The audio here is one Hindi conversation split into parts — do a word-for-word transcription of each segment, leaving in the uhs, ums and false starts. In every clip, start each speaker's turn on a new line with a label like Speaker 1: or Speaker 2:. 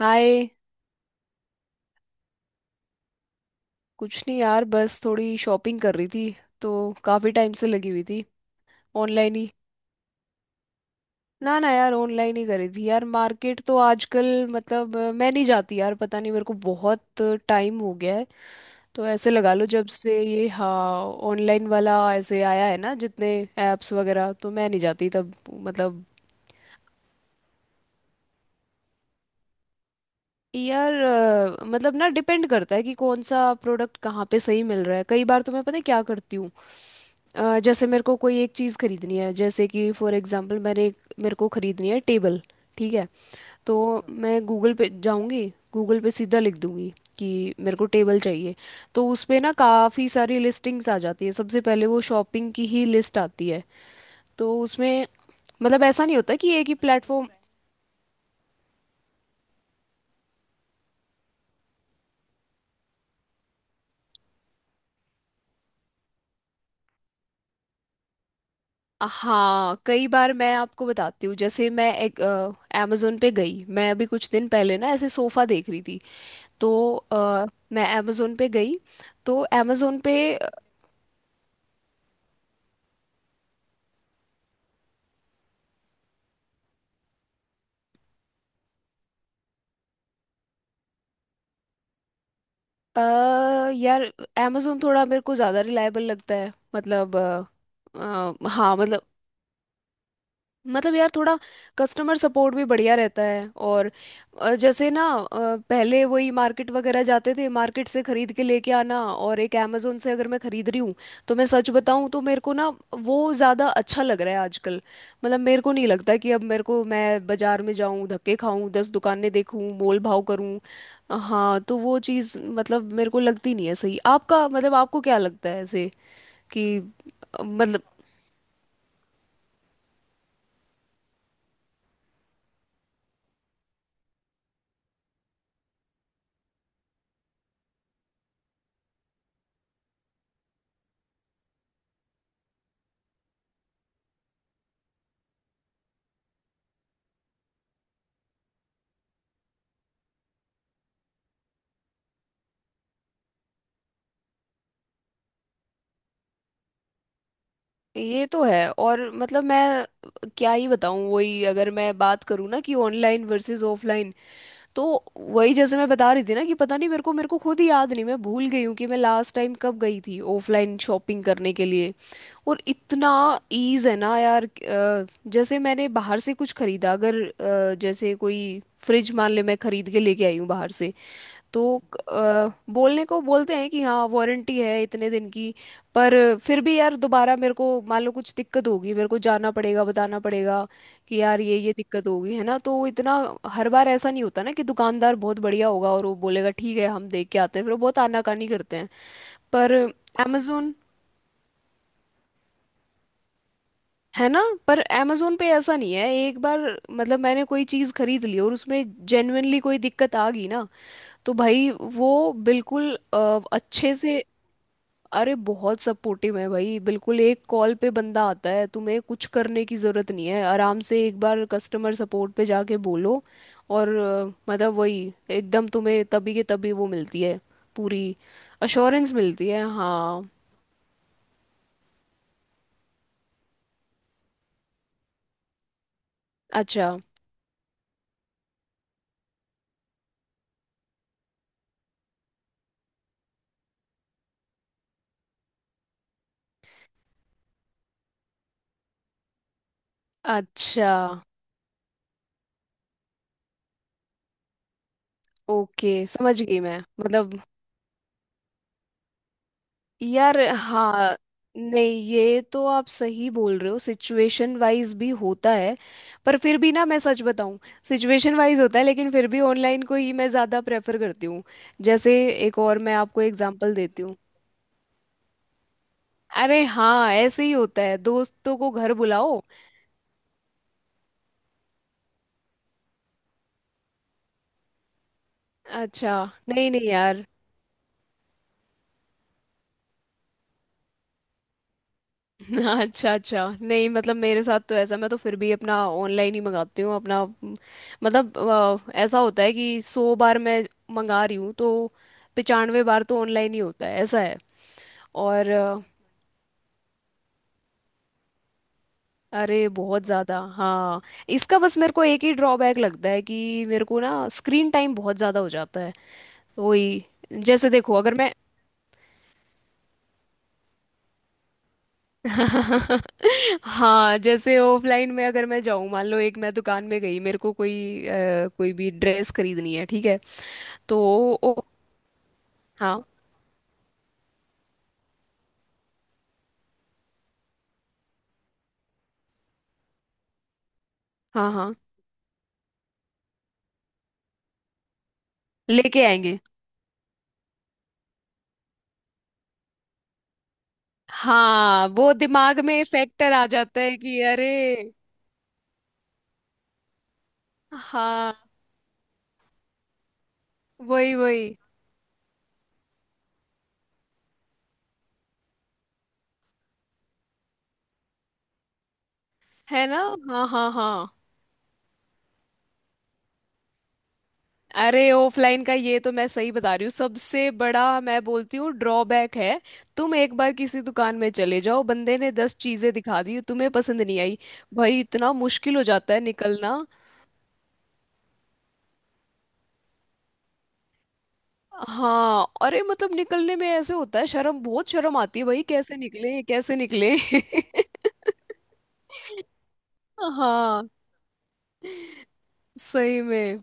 Speaker 1: हाय। कुछ नहीं यार, बस थोड़ी शॉपिंग कर रही थी, तो काफ़ी टाइम से लगी हुई थी। ऑनलाइन ही। ना ना यार, ऑनलाइन ही करी थी यार। मार्केट तो आजकल मतलब, अ, मैं नहीं जाती यार, पता नहीं, मेरे को बहुत टाइम हो गया है। तो ऐसे लगा लो, जब से ये हाँ ऑनलाइन वाला ऐसे आया है ना, जितने ऐप्स वगैरह, तो मैं नहीं जाती तब मतलब। यार अ, मतलब ना, डिपेंड करता है कि कौन सा प्रोडक्ट कहाँ पे सही मिल रहा है। कई बार तो मैं, पता है क्या करती हूँ, अ, जैसे मेरे को कोई एक चीज़ खरीदनी है, जैसे कि फॉर एग्जांपल मैंने एक, मेरे को खरीदनी है टेबल। ठीक है, तो मैं गूगल पे जाऊंगी। गूगल पे सीधा लिख दूंगी कि मेरे को टेबल चाहिए। तो उस पे ना काफ़ी सारी लिस्टिंग्स आ जाती है, सबसे पहले वो शॉपिंग की ही लिस्ट आती है। तो उसमें मतलब ऐसा नहीं होता कि एक ही प्लेटफॉर्म। हाँ, कई बार मैं आपको बताती हूँ। जैसे मैं एक अमेजोन पे गई, मैं अभी कुछ दिन पहले ना ऐसे सोफ़ा देख रही थी। तो अ, मैं अमेजोन पे गई, तो अमेजोन पे। अ, यार, अमेजोन थोड़ा मेरे को ज़्यादा रिलायबल लगता है मतलब। अ, अ, हाँ मतलब, मतलब यार थोड़ा, कस्टमर सपोर्ट भी बढ़िया रहता है। और अ, जैसे ना, अ, पहले वही मार्केट वगैरह जाते थे, मार्केट से खरीद के लेके आना, और एक अमेजोन से अगर मैं खरीद रही हूँ, तो मैं सच बताऊँ तो मेरे को ना, वो ज़्यादा अच्छा लग रहा है आजकल। मतलब मेरे को नहीं लगता कि अब मेरे को मैं बाजार में जाऊँ, धक्के खाऊँ, दस दुकानें देखूँ, मोल भाव करूँ। हाँ, तो वो चीज़ मतलब मेरे को लगती नहीं है सही। आपका मतलब आपको क्या लगता है ऐसे कि अ, मतलब। ये तो है, और मतलब मैं क्या ही बताऊं। वही अगर मैं बात करूं ना, कि ऑनलाइन वर्सेस ऑफलाइन, तो वही जैसे मैं बता रही थी ना, कि पता नहीं मेरे को मेरे को खुद ही याद नहीं। मैं भूल गई हूँ कि मैं लास्ट टाइम कब गई थी ऑफलाइन शॉपिंग करने के लिए। और इतना ईज है ना यार। अ, जैसे मैंने बाहर से कुछ खरीदा अगर, अ, जैसे कोई फ्रिज मान ले मैं खरीद के लेके आई हूँ बाहर से, तो अ, बोलने को बोलते हैं कि हाँ वारंटी है इतने दिन की। पर फिर भी यार, दोबारा मेरे को मान लो कुछ दिक्कत होगी, मेरे को जाना पड़ेगा, बताना पड़ेगा, कि यार ये ये दिक्कत होगी, है ना। तो इतना, हर बार ऐसा नहीं होता ना कि दुकानदार बहुत बढ़िया होगा और वो बोलेगा ठीक है, हम देख के आते हैं। फिर वो बहुत आनाकानी करते हैं। पर amazon, है ना। पर amazon पे ऐसा नहीं है। एक बार मतलब मैंने कोई चीज़ खरीद ली, और उसमें जेन्युइनली कोई दिक्कत आ गई ना, तो भाई वो बिल्कुल अ, अच्छे से। अरे बहुत सपोर्टिव है भाई। बिल्कुल एक कॉल पे बंदा आता है, तुम्हें कुछ करने की ज़रूरत नहीं है। आराम से एक बार कस्टमर सपोर्ट पे जाके बोलो, और अ, मतलब वही एकदम तुम्हें तभी के तभी वो मिलती है, पूरी अश्योरेंस मिलती है। हाँ, अच्छा, अच्छा। ओके, समझ गई मैं मतलब। यार हाँ। नहीं, ये तो आप सही बोल रहे हो, सिचुएशन वाइज भी होता है। पर फिर भी ना, मैं सच बताऊं, सिचुएशन वाइज होता है लेकिन फिर भी ऑनलाइन को ही मैं ज़्यादा प्रेफर करती हूँ। जैसे एक और मैं आपको एग्जांपल देती हूँ। अरे हाँ, ऐसे ही होता है, दोस्तों को घर बुलाओ। अच्छा, नहीं नहीं यार। हाँ, अच्छा अच्छा। नहीं मतलब मेरे साथ तो ऐसा, मैं तो फिर भी अपना ऑनलाइन ही मंगाती हूँ अपना, म, मतलब अ, ऐसा होता है कि सौ बार मैं मंगा रही हूँ तो पचानवे बार तो ऑनलाइन ही होता है, ऐसा है। और अ, अरे बहुत ज़्यादा हाँ। इसका बस मेरे को एक ही ड्रॉबैक लगता है कि मेरे को ना स्क्रीन टाइम बहुत ज़्यादा हो जाता है। वही, जैसे देखो अगर मैं। हाँ, जैसे ऑफलाइन में अगर मैं जाऊँ, मान लो एक मैं दुकान में गई, मेरे को कोई अ, कोई भी ड्रेस खरीदनी है, ठीक है, तो। ओ, हाँ हाँ हाँ, लेके आएंगे। हाँ, वो दिमाग में फैक्टर आ जाता है कि अरे। हाँ, वही वही। है ना। हाँ हाँ हाँ। अरे ऑफलाइन का ये तो मैं सही बता रही हूँ, सबसे बड़ा मैं बोलती हूँ ड्रॉबैक है। तुम एक बार किसी दुकान में चले जाओ, बंदे ने दस चीजें दिखा दी, तुम्हें पसंद नहीं आई, भाई इतना मुश्किल हो जाता है निकलना। हाँ, अरे मतलब निकलने में ऐसे होता है शर्म, बहुत शर्म आती है भाई। कैसे निकले, कैसे निकले। हाँ, सही में।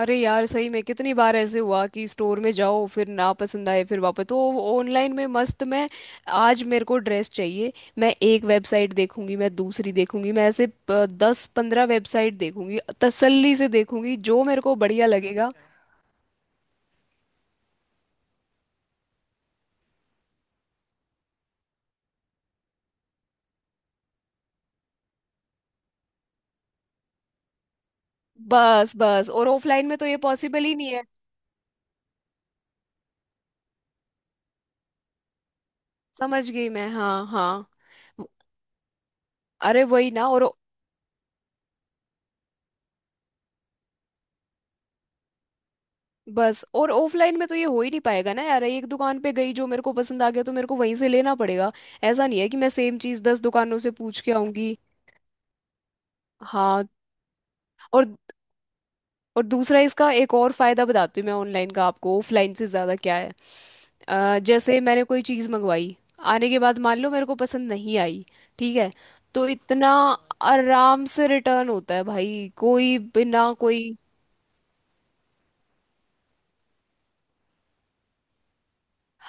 Speaker 1: अरे यार सही में, कितनी बार ऐसे हुआ कि स्टोर में जाओ, फिर ना पसंद आए, फिर वापस तो। ऑनलाइन में मस्त, मैं आज मेरे को ड्रेस चाहिए, मैं एक वेबसाइट देखूंगी, मैं दूसरी देखूंगी, मैं ऐसे प- दस पंद्रह वेबसाइट देखूंगी, तसल्ली से देखूंगी जो मेरे को बढ़िया लगेगा। बस बस, और ऑफलाइन में तो ये पॉसिबल ही नहीं है। समझ गई मैं। हाँ हाँ। अरे वही ना। और बस, और ऑफलाइन में तो ये हो ही नहीं पाएगा ना यार। एक दुकान पे गई, जो मेरे को पसंद आ गया तो मेरे को वहीं से लेना पड़ेगा। ऐसा नहीं है कि मैं सेम चीज दस दुकानों से पूछ के आऊंगी। हाँ। और और दूसरा, इसका एक और फायदा बताती हूँ मैं, ऑनलाइन का आपको ऑफलाइन से ज्यादा क्या है। अ, जैसे मैंने कोई चीज मंगवाई, आने के बाद मान लो मेरे को पसंद नहीं आई, ठीक है, तो इतना आराम से रिटर्न होता है भाई, कोई बिना कोई।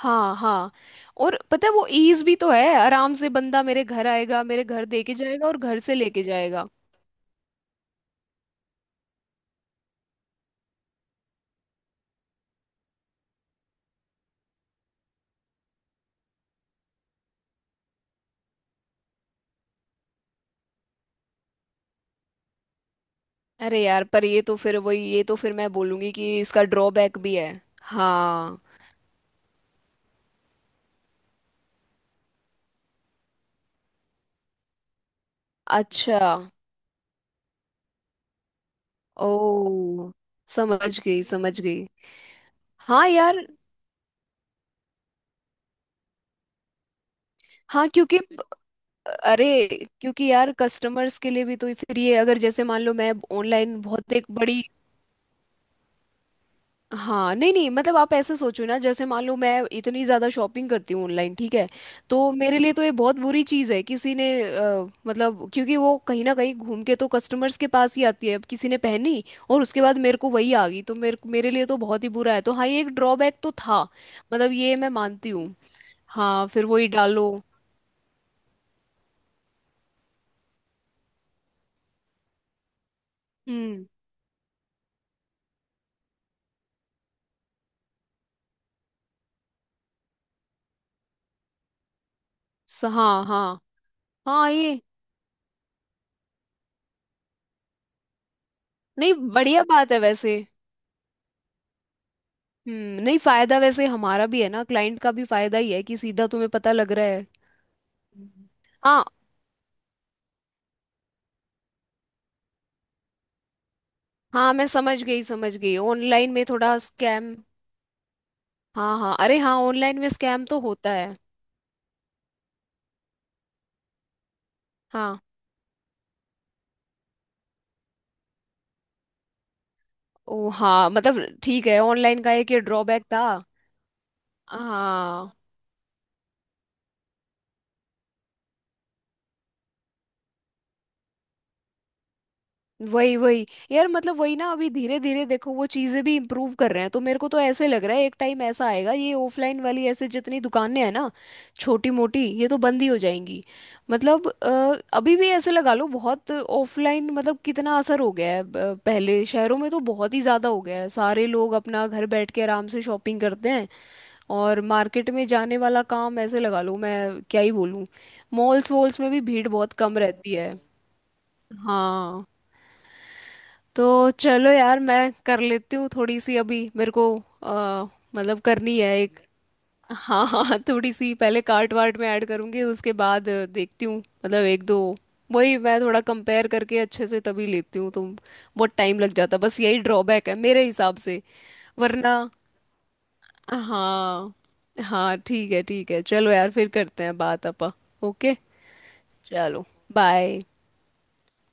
Speaker 1: हाँ हाँ। और पता है, वो ईज भी तो है। आराम से बंदा मेरे घर आएगा, मेरे घर दे के जाएगा, और घर से लेके जाएगा। अरे यार, पर ये तो फिर वही, ये तो फिर मैं बोलूंगी कि इसका ड्रॉबैक भी है। हाँ। अच्छा। ओ, समझ गई समझ गई। हाँ यार। हाँ क्योंकि, अरे क्योंकि यार कस्टमर्स के लिए भी तो फिर ये, अगर जैसे मान लो मैं ऑनलाइन बहुत एक बड़ी। हाँ, नहीं नहीं, मतलब आप ऐसे सोचो ना, जैसे मान लो मैं इतनी ज़्यादा शॉपिंग करती हूँ ऑनलाइन, ठीक है। तो मेरे लिए तो ये बहुत बुरी चीज़ है, किसी ने अ, मतलब, क्योंकि वो कहीं ना कहीं घूम के तो कस्टमर्स के पास ही आती है। अब किसी ने पहनी, और उसके बाद मेरे को वही आ गई, तो मेरे मेरे लिए तो बहुत ही बुरा है। तो हाँ, ये एक ड्रॉबैक तो था, मतलब ये मैं मानती हूँ। हाँ, फिर वही डालो। हम्म। स- हाँ हाँ हाँ, ये नहीं, बढ़िया बात है वैसे। हम्म, नहीं फायदा वैसे हमारा भी है ना, क्लाइंट का भी फायदा ही है कि सीधा तुम्हें पता लग रहा है। हाँ हाँ, मैं समझ गई समझ गई। ऑनलाइन में थोड़ा स्कैम। हाँ हाँ, अरे हाँ, ऑनलाइन में स्कैम तो होता है। हाँ। ओ हाँ, मतलब ठीक है, ऑनलाइन का एक ये ड्रॉबैक था। हाँ, वही वही। यार मतलब वही ना, अभी धीरे धीरे देखो वो चीजें भी इम्प्रूव कर रहे हैं, तो मेरे को तो ऐसे लग रहा है एक टाइम ऐसा आएगा, ये ऑफलाइन वाली ऐसे जितनी दुकानें हैं ना, छोटी मोटी, ये तो बंद ही हो जाएंगी। मतलब अ, अभी भी ऐसे लगा लो बहुत ऑफलाइन, मतलब कितना असर हो गया है। ब- पहले शहरों में तो बहुत ही ज्यादा हो गया है, सारे लोग अपना घर बैठ के आराम से शॉपिंग करते हैं। और मार्केट में जाने वाला काम, ऐसे लगा लो, मैं क्या ही बोलूँ। मॉल्स वॉल्स में भी भीड़ बहुत कम रहती है। हाँ, तो चलो यार, मैं कर लेती हूँ थोड़ी सी, अभी मेरे को अ, मतलब करनी है एक। हाँ हाँ, थोड़ी सी, पहले कार्ट वार्ट में ऐड करूँगी, उसके बाद अ, देखती हूँ, मतलब एक दो। वही मैं थोड़ा कंपेयर करके अच्छे से तभी लेती हूँ, तो बहुत टाइम लग जाता। बस यही ड्रॉबैक है मेरे हिसाब से। वरना। हाँ। हाँ ठीक है, ठीक है। चलो यार, फिर करते हैं बात अपा। ओके। चलो। बाय।